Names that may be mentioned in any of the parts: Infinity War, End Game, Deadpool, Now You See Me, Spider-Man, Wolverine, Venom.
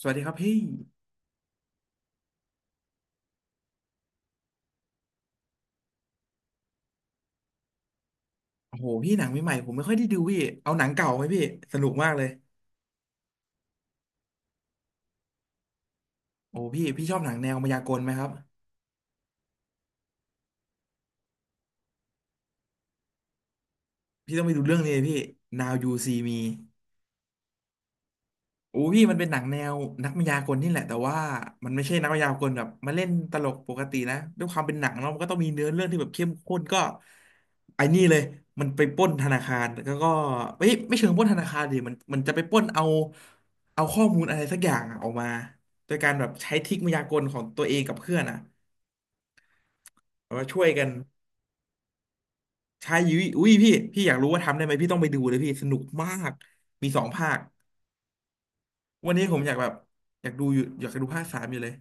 สวัสดีครับพี่โอ้โหพี่หนังใหม่ๆผมไม่ค่อยได้ดูพี่เอาหนังเก่าไหมพี่สนุกมากเลยโอ้พี่ชอบหนังแนวมายากลไหมครับ พี่ต้องไปดูเรื่องนี้เลยพี่ Now You See Me โอ้พี่มันเป็นหนังแนวนักมายากลนี่แหละแต่ว่ามันไม่ใช่นักมายากลแบบมาเล่นตลกปกตินะด้วยความเป็นหนังเนาะมันก็ต้องมีเนื้อเรื่องที่แบบเข้มข้นก็ไอ้นี่เลยมันไปปล้นธนาคารแล้วก็เอ้ยไม่เชิงปล้นธนาคารดิมันจะไปปล้นเอาข้อมูลอะไรสักอย่างอะออกมาโดยการแบบใช้ทริคมายากลของตัวเองกับเพื่อนอะ แบบว่าช่วยกันใช้ยุ้ยอุ้ยพี่อยากรู้ว่าทำได้ไหมพี่ต้องไปดูเลยพี่สนุกมากมีสองภาควันนี้ผมอยากแบบอยากดูอยู่อยากดูภาคสามอยู่เลย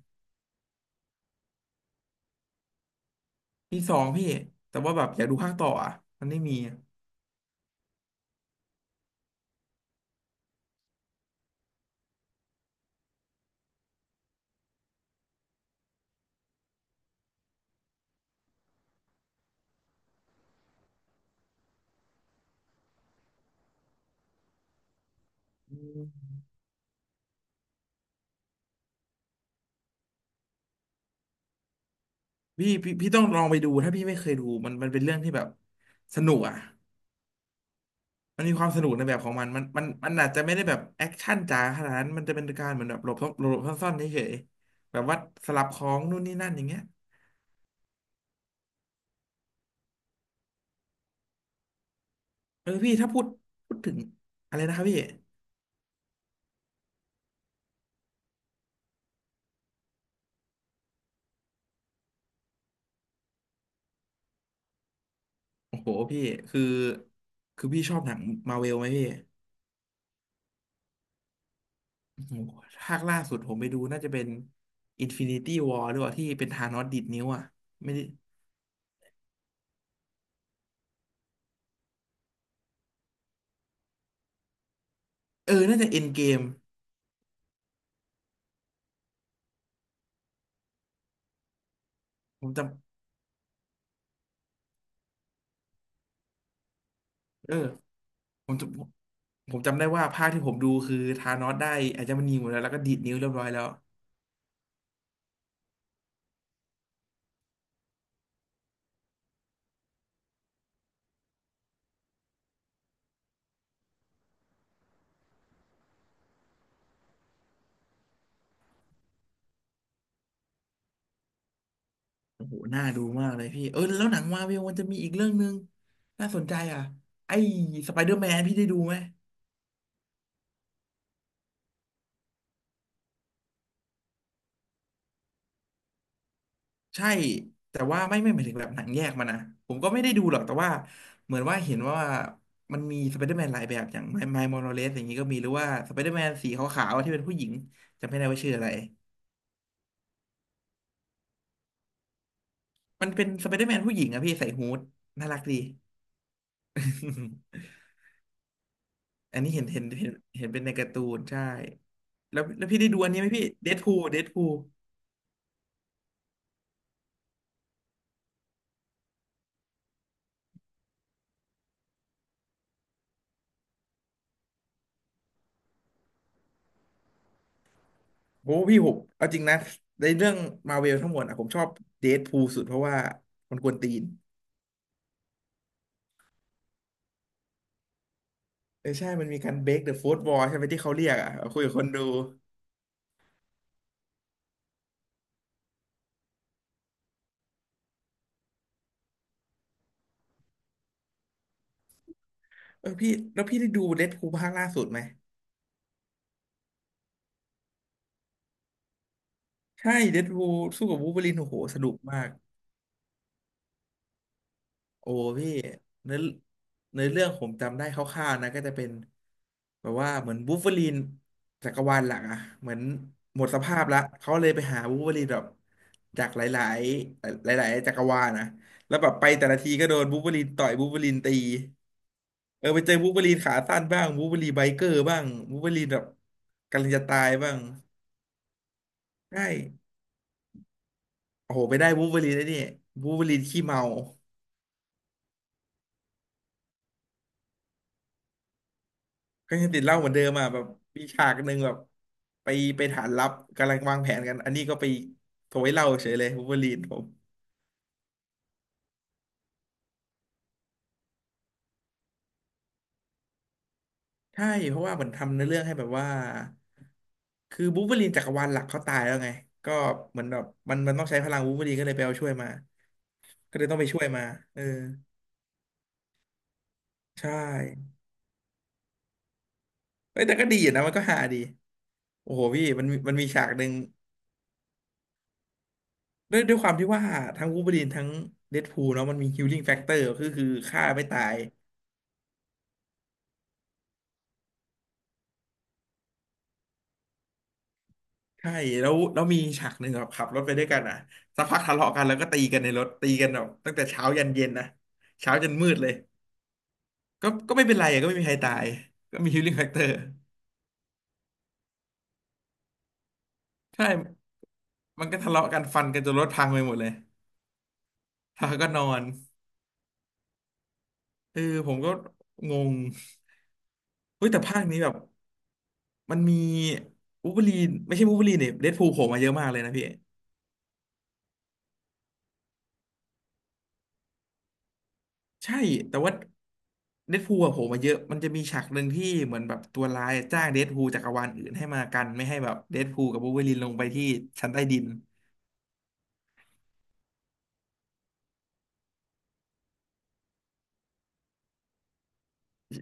มีสองพี่แต่ว่าแบบอยากดูภาคต่ออ่ะมันไม่มีอะอืมพี่ต้องลองไปดูถ้าพี่ไม่เคยดูมันเป็นเรื่องที่แบบสนุกอ่ะมันมีความสนุกในแบบของมันมันอาจจะไม่ได้แบบแอคชั่นจ๋าขนาดนั้นมันจะเป็นการเหมือนแบบหลบซ่อนหลบซ่อนๆเฉยๆแบบว่าสลับของนู่นนี่นั่นอย่างเงี้ยเออพี่ถ้าพูดถึงอะไรนะครับพี่ โอ้โหพี่คือคือพี่ชอบหนังมาเวลไหมพี่โอ้โหภาคล่าสุดผมไปดูน่าจะเป็น Infinity War หรือเปล่าที่เป็นธานอสดีดนิ้วอ่ะไม่ได้เออน่าจะ End Game ผมจำเออผมจำผมจำได้ว่าภาคที่ผมดูคือธานอสได้อาจจะมันนีหมดแล้วแล้วก็ดีดนิ้วเรียบร้อยแล้วโอ้โหน่าดูมากเลยพี่เออแล้วหนังมาเวลมันจะมีอีกเรื่องหนึ่งน่าสนใจอ่ะไอ้สไปเดอร์แมนพี่ได้ดูไหม ใช่แต่ว่าไม่หมายถึงแบบหนังแยกมานะผมก็ไม่ได้ดูหรอกแต่ว่าเหมือนว่าเห็นว่ามันมีสไปเดอร์แมนหลายแบบอย่างไมไมล์มอราเลสอย่างนี้ก็มีหรือว่าสไปเดอร์แมนสีขาวๆที่เป็นผู้หญิงจำไม่ได้ว่าชื่ออะไรมันเป็นสไปเดอร์แมนผู้หญิงอะพี่ใส่ฮู้ดน่ารักดี อันนี้เห็นเป็นในการ์ตูนใช่แล้วพี่ได้ดูอันนี้ไหมพี่เดดพูลโอ้พี่ผมเอาจริงนะในเรื่องมาเวลทั้งหมดอะผมชอบเดดพูลสุดเพราะว่ามันกวนตีน เออใช่มันมีการ break the fourth wall ใช่ไหมที่เขาเรียกอ่ะคุยกับคนดูเออพี่แล้วพี่ได้ดูเดดพูลภาคล่าสุดไหมใช่เดดพูลสู้กับวูล์ฟเวอรีนโอ้โหสนุกมากโอ้พี่เนื้อเนื้อเรื่องผมจำได้คร่าวๆนะก็จะเป็นแบบว่าเหมือนวูล์ฟเวอรีนจักรวาลหลักอ่ะเหมือนหมดสภาพละเขาเลยไปหาวูล์ฟเวอรีนแบบจากหลายๆหลายๆจักรวาลนะแล้วแบบไปแต่ละทีก็โดนวูล์ฟเวอรีนต่อยวูล์ฟเวอรีนตี เออไปเจอวูล์ฟเวอรีนขาสั้นบ้างวูล์ฟเวอรีนไบเกอร์บ้างวูล์ฟเวอรีนแบบกำลังจะตายบ้างใช่โอ้โหไปได้วูล์ฟเวอรีนได้นี่วูล์ฟเวอรีนขี้เมาก็ยังติดเหล้าเหมือนเดิมอ่ะแบบมีฉากหนึ่งแบบไปไปฐานลับกำลังวางแผนกันอันนี้ก็ไปโถยเหล้าเฉยเลยวูล์ฟเวอรีนผมใช่เพราะว่าเหมือนทำในอเรื่องให้แบบว่าคือวูล์ฟเวอรีนจักรวาลหลักเขาตายแล้วไงก็เหมือนแบบมันต้องใช้พลังวูล์ฟเวอรีนก็เลยไปเอาช่วยมาก็เลยต้องไปช่วยมาเออใช่เอ้ยแต่ก็ดีอยู่นะมันก็หาดี โอ้โหพี่มันมีฉากหนึ่งด้วยความที่ว่าทั้งวูล์ฟเวอรีนทั้งเดดพูลเนาะมันมีฮีลลิ่งแฟกเตอร์คือฆ่าไม่ตายใช่แล้วมีฉากหนึ่งแบบขับรถไปด้วยกันอ่ะสักพักทะเลาะกันแล้วก็ตีกันในรถตีกันแบบตั้งแต่เช้ายันเย็นนะเช้าจนมืดเลยก็ไม่เป็นไรอะก็ไม่มีใครตายก็มีฮีลลิ่งแฟกเตอร์ใช่มันก็ทะเลาะกันฟันกันจนรถพังไปหมดเลยแล้วก็นอนเออผมก็งงเฮ้ยแต่ภาคนี้แบบ มันมีวูล์ฟเวอรีนเนี่ยเดดพูลโผล่มาเยอะมากเลยนะพี่ใช่แต่ว่าเดดพูลอะโผล่มาเยอะมันจะมีฉากหนึ่งที่เหมือนแบบตัวร้ายจ้างเดดพูลจากจักรวาลอื่นให้มากันไม่ให้แบบเดดพูลกับวูล์ฟเวอรีนลงไปที่ชั้นใต้ดิน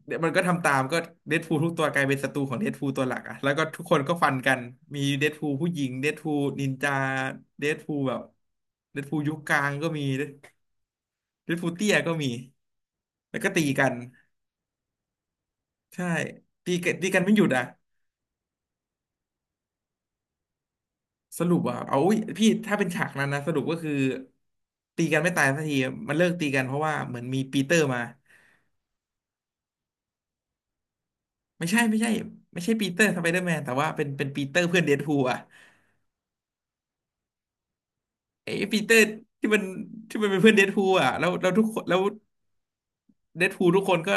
เดี๋ยวมันก็ทำตามก็เดดพูลทุกตัวกลายเป็นศัตรูของเดดพูลตัวหลักอะแล้วก็ทุกคนก็ฟันกันมีเดดพูลผู้หญิงเดดพูลนินจาเดดพูลแบบเดดพูลยุคกลางก็มีเดดพูลเตี้ยก็มีแล้วก็ตีกันใช่ตีกันตีกันไม่หยุดอะ สรุปว่าเอาอุ๊ยพี่ถ้าเป็นฉากนั้นนะสรุปก็คือตีกันไม่ตายสักทีมันเลิกตีกันเพราะว่าเหมือนมีปีเตอร์มาไม่ใช่ไม่ใช่ปีเตอร์สไปเดอร์แมนแต่ว่าเป็นปีเตอร์เพื่อนเดดพูลอ่ะไอ้ปีเตอร์ที่มันที่มันเป็นเพื่อนเดดพูลอ่ะแล้วทุกคนแล้วเดดพูลทุกคนก็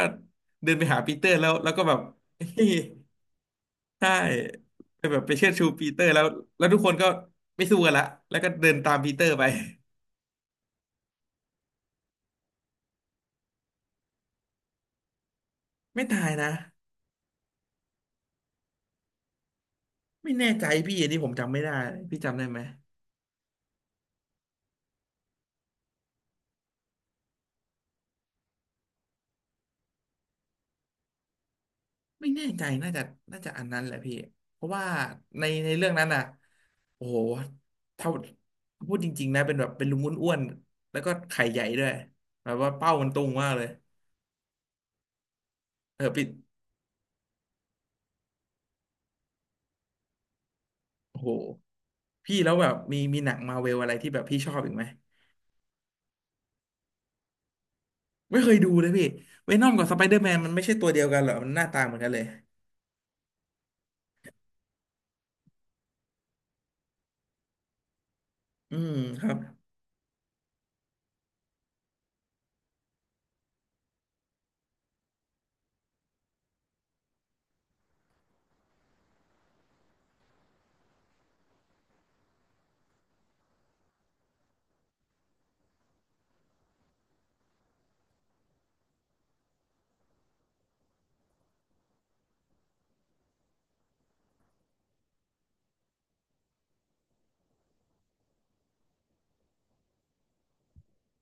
เดินไปหาปีเตอร์แล้วก็แบบ เฮ้ยใช่ไปแบบไปเชิดชูปีเตอร์แล้วแล้วทุกคนก็ไม่สู้กันละแล้วก็เดินตามปีเตอร์ไปไม่ตายนะไม่แน่ใจพี่อันนี้ผมจำไม่ได้พี่จำได้ไหม ไม่แน่ใจน่าจะอันนั้นแหละพี่เพราะว่าในเรื่องนั้นอ่ะโอ้โหเท่าพูดจริงๆนะเป็นแบบเป็นลุงอ้วนๆแล้วก็ไข่ใหญ่ด้วยแบบว่าเป้ามันตุงมากเลยเออปิดโอ้โหพี่แล้วแบบมีหนังมาเวลอะไรที่แบบพี่ชอบอีกไหมไม่เคยดูเลยพี่เวนอมกับสไปเดอร์แมนมันไม่ใช่ตัวเดียวกันเหรอมันหน้าตาเหมือนกันเลยอืมครับ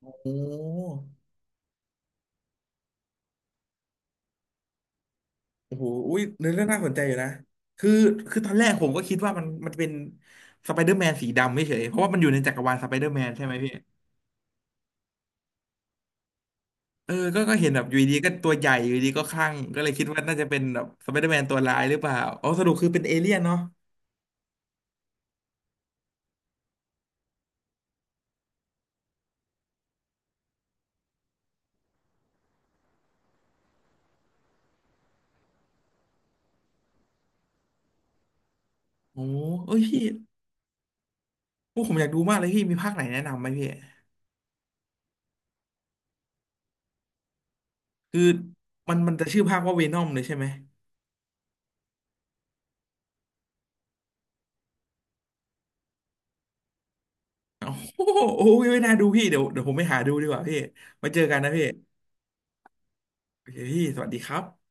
โอ้ โอ้โหอุ้ยเนื้อเรื่องน่าสนใจอยู่นะ คือ คือตอนแรกผมก็คิดว่ามัน มันเป็นสไปเดอร์แมนสีดำไม่เฉยๆเพราะว่ามันอยู่ในจักรวาลสไปเดอร์แมนใช่ไหมพี่เออก็ก็เห็นแบบอยู่ดีก็ตัวใหญ่อยู่ดีก็คลั่งก็เลยคิดว่าน่าจะเป็นแบบสไปเดอร์แมนตัวร้ายหรือเปล่าอ๋อสรุปคือเป็นเอเลี่ยนเนาะโอ้โหเอ้ยพี่โอ้ผมอยากดูมากเลยพี่ มีภาคไหนแนะนำไหมพี่คือมันจะชื่อภาคว่าเวนอมเลยใช่ไหมโอ้โหโอ้ยไม่น่าดูพี่เดี๋ยวผมไปหาดูดีกว่าพี่มาเจอกันนะพี่โอเคพี่สวัสดีครับ